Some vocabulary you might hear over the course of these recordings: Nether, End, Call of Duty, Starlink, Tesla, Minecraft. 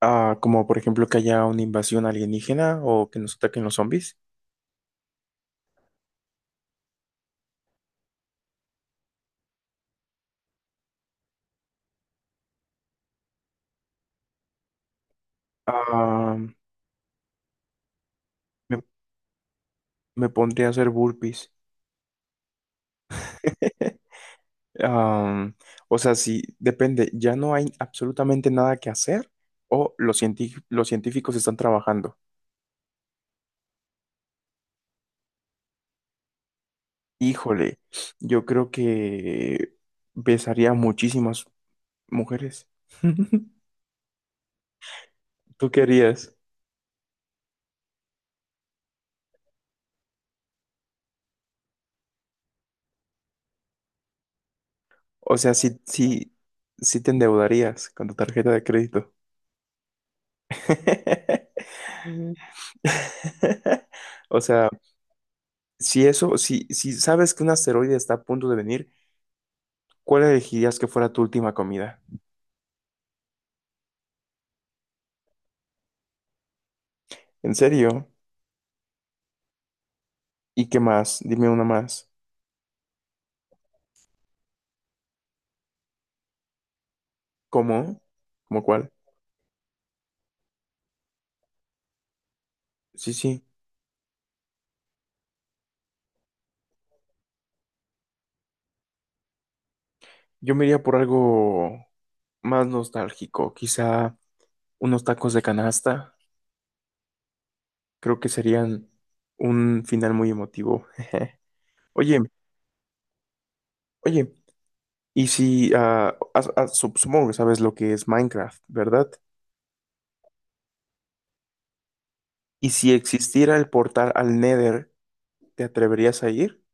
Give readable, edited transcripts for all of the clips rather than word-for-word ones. Ah, como por ejemplo que haya una invasión alienígena o que nos ataquen los zombies. Ah, me, me pondría a hacer burpees. Am, o sea, sí, depende, ya no hay absolutamente nada que hacer o los científicos están trabajando. Híjole, yo creo que besaría a muchísimas mujeres. ¿Tú qué harías? O sea, sí, sí, sí te endeudarías con tu tarjeta de crédito. O sea, si eso, si sabes que un asteroide está a punto de venir, ¿cuál elegirías que fuera tu última comida? ¿En serio? ¿Y qué más? Dime una más. ¿Cómo? ¿Cómo cuál? Sí, sí. Yo me iría por algo más nostálgico, quizá unos tacos de canasta. Creo que serían un final muy emotivo. Oye, oye, y si, supongo que sabes lo que es Minecraft, ¿verdad? Y si existiera el portal al Nether, ¿te atreverías a ir?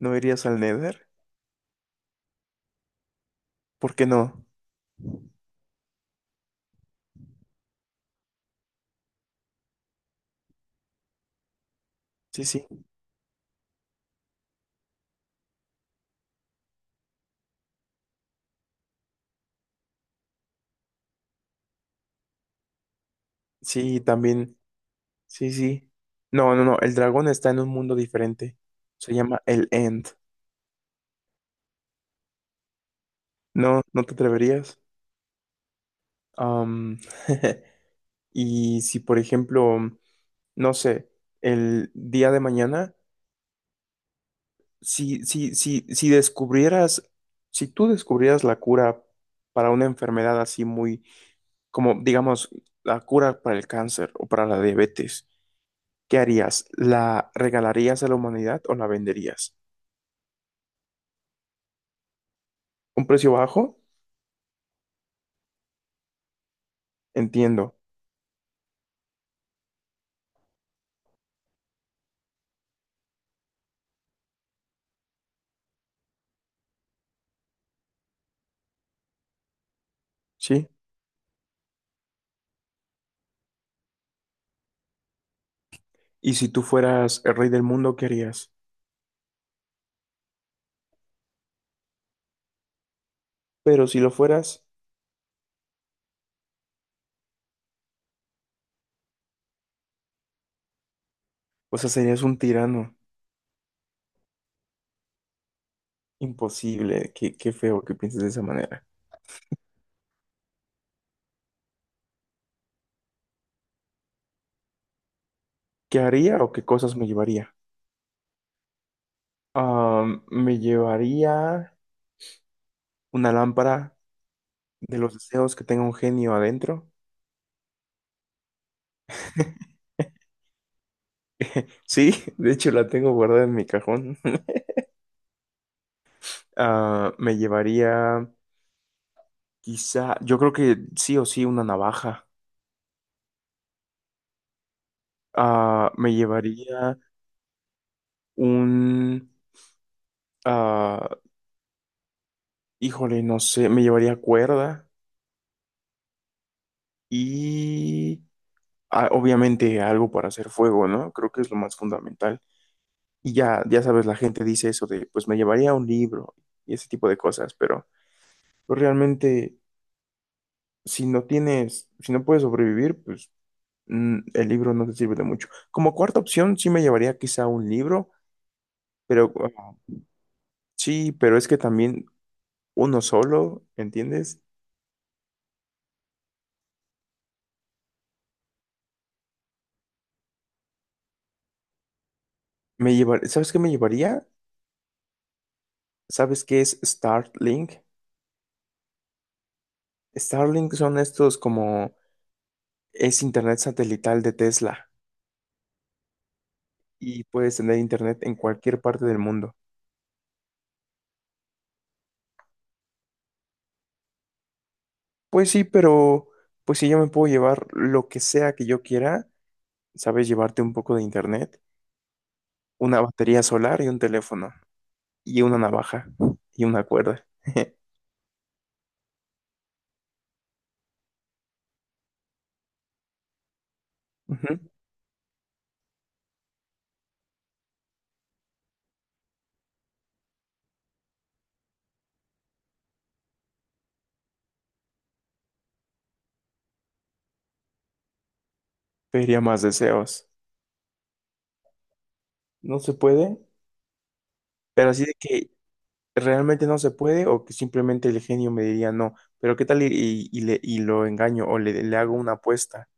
¿No irías al Nether? ¿Por qué no? Sí, sí, sí, también, sí, sí. No, no, no, el dragón está en un mundo diferente. Se llama el End. No, no te atreverías. Am, y si, por ejemplo, no sé, el día de mañana, si, si, si, si descubrieras, si tú descubrieras la cura para una enfermedad así muy, como digamos, la cura para el cáncer o para la diabetes, ¿qué harías? ¿La regalarías a la humanidad o la venderías? ¿Un precio bajo? Entiendo, ¿sí? Y si tú fueras el rey del mundo, ¿qué harías? Pero si lo fueras, o sea, serías un tirano. Imposible, qué feo que pienses de esa manera. ¿Qué haría o qué cosas me llevaría? Ah, me llevaría una lámpara de los deseos que tenga un genio adentro. Sí, de hecho la tengo guardada en mi cajón. Ah, me llevaría quizá, yo creo que sí o sí una navaja. Ah, me llevaría un, ah, híjole, no sé, me llevaría cuerda y obviamente algo para hacer fuego, ¿no? Creo que es lo más fundamental. Y ya sabes, la gente dice eso de, pues me llevaría un libro y ese tipo de cosas, pero pues realmente si no tienes, si no puedes sobrevivir, pues el libro no te sirve de mucho. Como cuarta opción, sí me llevaría quizá un libro. Pero ah, sí, pero es que también uno solo, ¿entiendes? ¿Sabes qué me llevaría? ¿Sabes qué es Starlink? Starlink son estos como es internet satelital de Tesla y puedes tener internet en cualquier parte del mundo. Pues sí, pero pues si yo me puedo llevar lo que sea que yo quiera, ¿sabes? Llevarte un poco de internet, una batería solar y un teléfono y una navaja y una cuerda. Ujú. Pediría más deseos. ¿No se puede? Pero así de que realmente no se puede o que simplemente el genio me diría no, pero ¿qué tal y, y lo engaño o le hago una apuesta?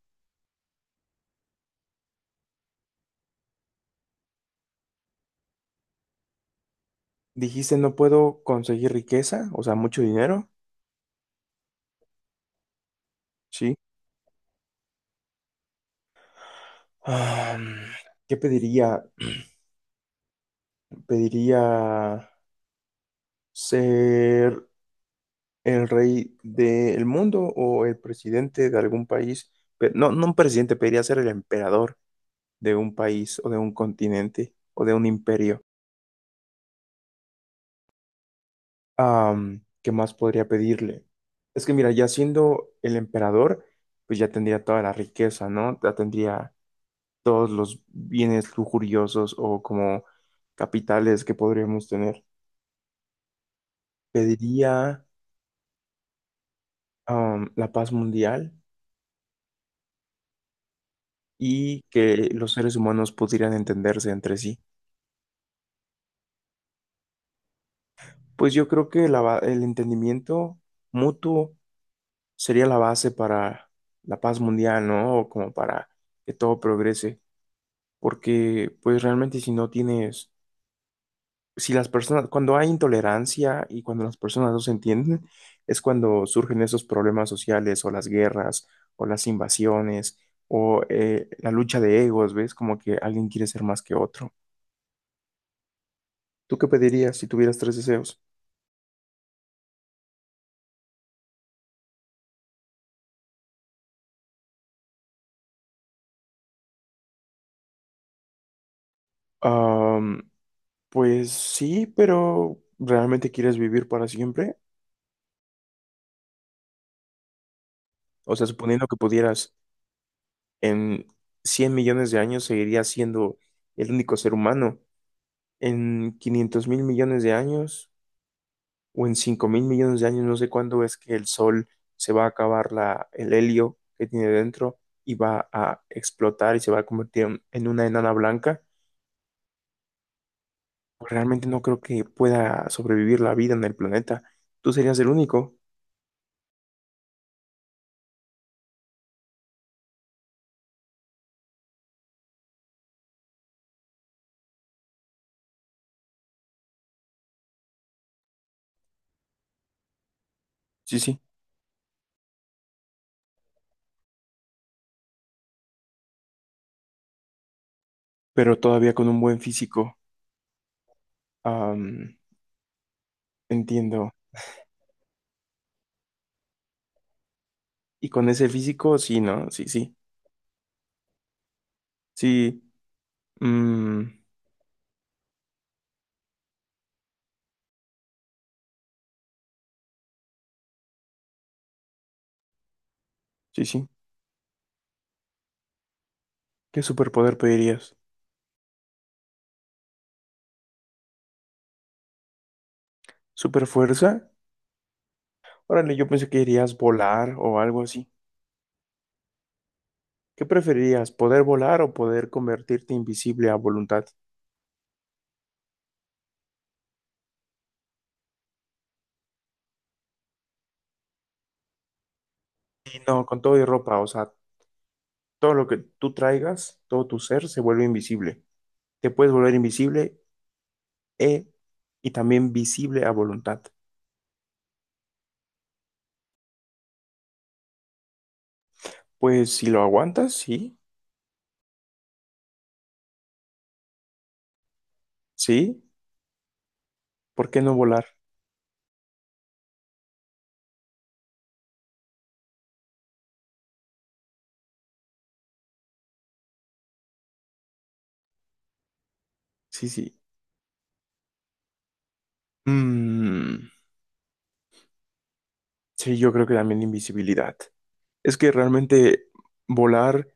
Dijiste no puedo conseguir riqueza, o sea, mucho dinero, ¿sí? Ah, ¿qué pediría? ¿Pediría ser el rey del mundo o el presidente de algún país? No, no un presidente, pediría ser el emperador de un país o de un continente o de un imperio. ¿Qué más podría pedirle? Es que mira, ya siendo el emperador, pues ya tendría toda la riqueza, ¿no? Ya tendría todos los bienes lujuriosos o como capitales que podríamos tener. Pediría, la paz mundial y que los seres humanos pudieran entenderse entre sí. Pues yo creo que el entendimiento mutuo sería la base para la paz mundial, ¿no? O como para que todo progrese. Porque pues realmente si no tienes, si las personas, cuando hay intolerancia y cuando las personas no se entienden, es cuando surgen esos problemas sociales o las guerras o las invasiones o la lucha de egos, ¿ves? Como que alguien quiere ser más que otro. ¿Tú qué pedirías si tuvieras tres deseos? Am, pues sí, pero ¿realmente quieres vivir para siempre? O sea, suponiendo que pudieras en 100 millones de años, seguirías siendo el único ser humano. En 500 mil millones de años o en 5 mil millones de años, no sé cuándo es que el Sol se va a acabar la, el helio que tiene dentro y va a explotar y se va a convertir en una enana blanca. Pues realmente no creo que pueda sobrevivir la vida en el planeta. Tú serías el único, sí, sí, pero todavía con un buen físico. Am, Entiendo. Y con ese físico, sí, no, sí, sí, sí, mm, sí, sí. ¿Qué superpoder pedirías? ¿Superfuerza? Órale, yo pensé que irías volar o algo así. ¿Qué preferirías, poder volar o poder convertirte invisible a voluntad? Y no, con todo y ropa, o sea, todo lo que tú traigas, todo tu ser se vuelve invisible. Te puedes volver invisible e, y también visible a voluntad. Pues si lo aguantas, sí, sí, ¿por qué no volar? Sí, sí. Mm, sí, yo creo que también invisibilidad. Es que realmente volar,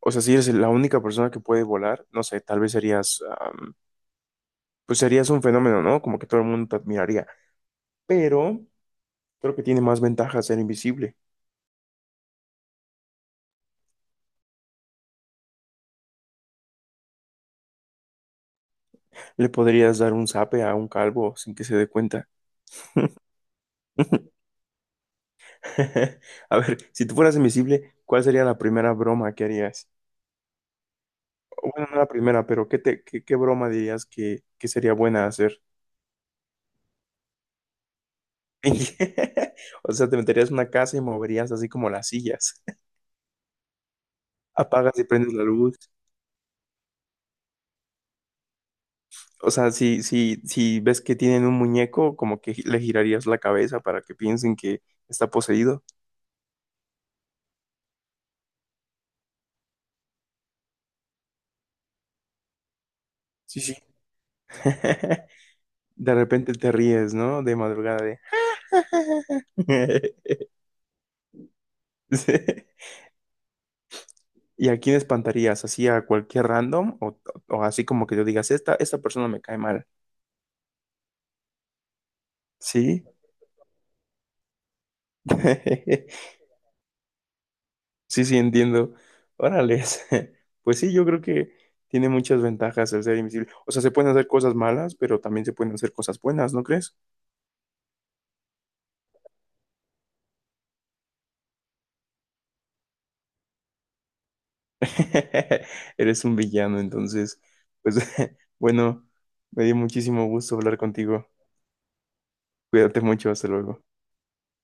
o sea, si eres la única persona que puede volar, no sé, tal vez serías pues serías un fenómeno, ¿no? Como que todo el mundo te admiraría. Pero creo que tiene más ventajas ser invisible. Le podrías dar un zape a un calvo sin que se dé cuenta. A ver, si tú fueras invisible, ¿cuál sería la primera broma que harías? Bueno, no la primera, pero ¿qué broma dirías que sería buena hacer? O sea, te meterías en una casa y moverías así como las sillas. Apagas y prendes la luz. O sea, si, si ves que tienen un muñeco, como que le girarías la cabeza para que piensen que está poseído. Sí, sí. De repente te ríes, ¿no? De madrugada de. Sí. ¿Y a quién espantarías? ¿Así a cualquier random? ¿O así como que yo digas, esta persona me cae mal? Sí, sí, sí, entiendo. Órales. Pues sí, yo creo que tiene muchas ventajas el ser invisible. O sea, se pueden hacer cosas malas, pero también se pueden hacer cosas buenas, ¿no crees? Eres un villano, entonces, pues bueno, me dio muchísimo gusto hablar contigo. Cuídate mucho, hasta luego.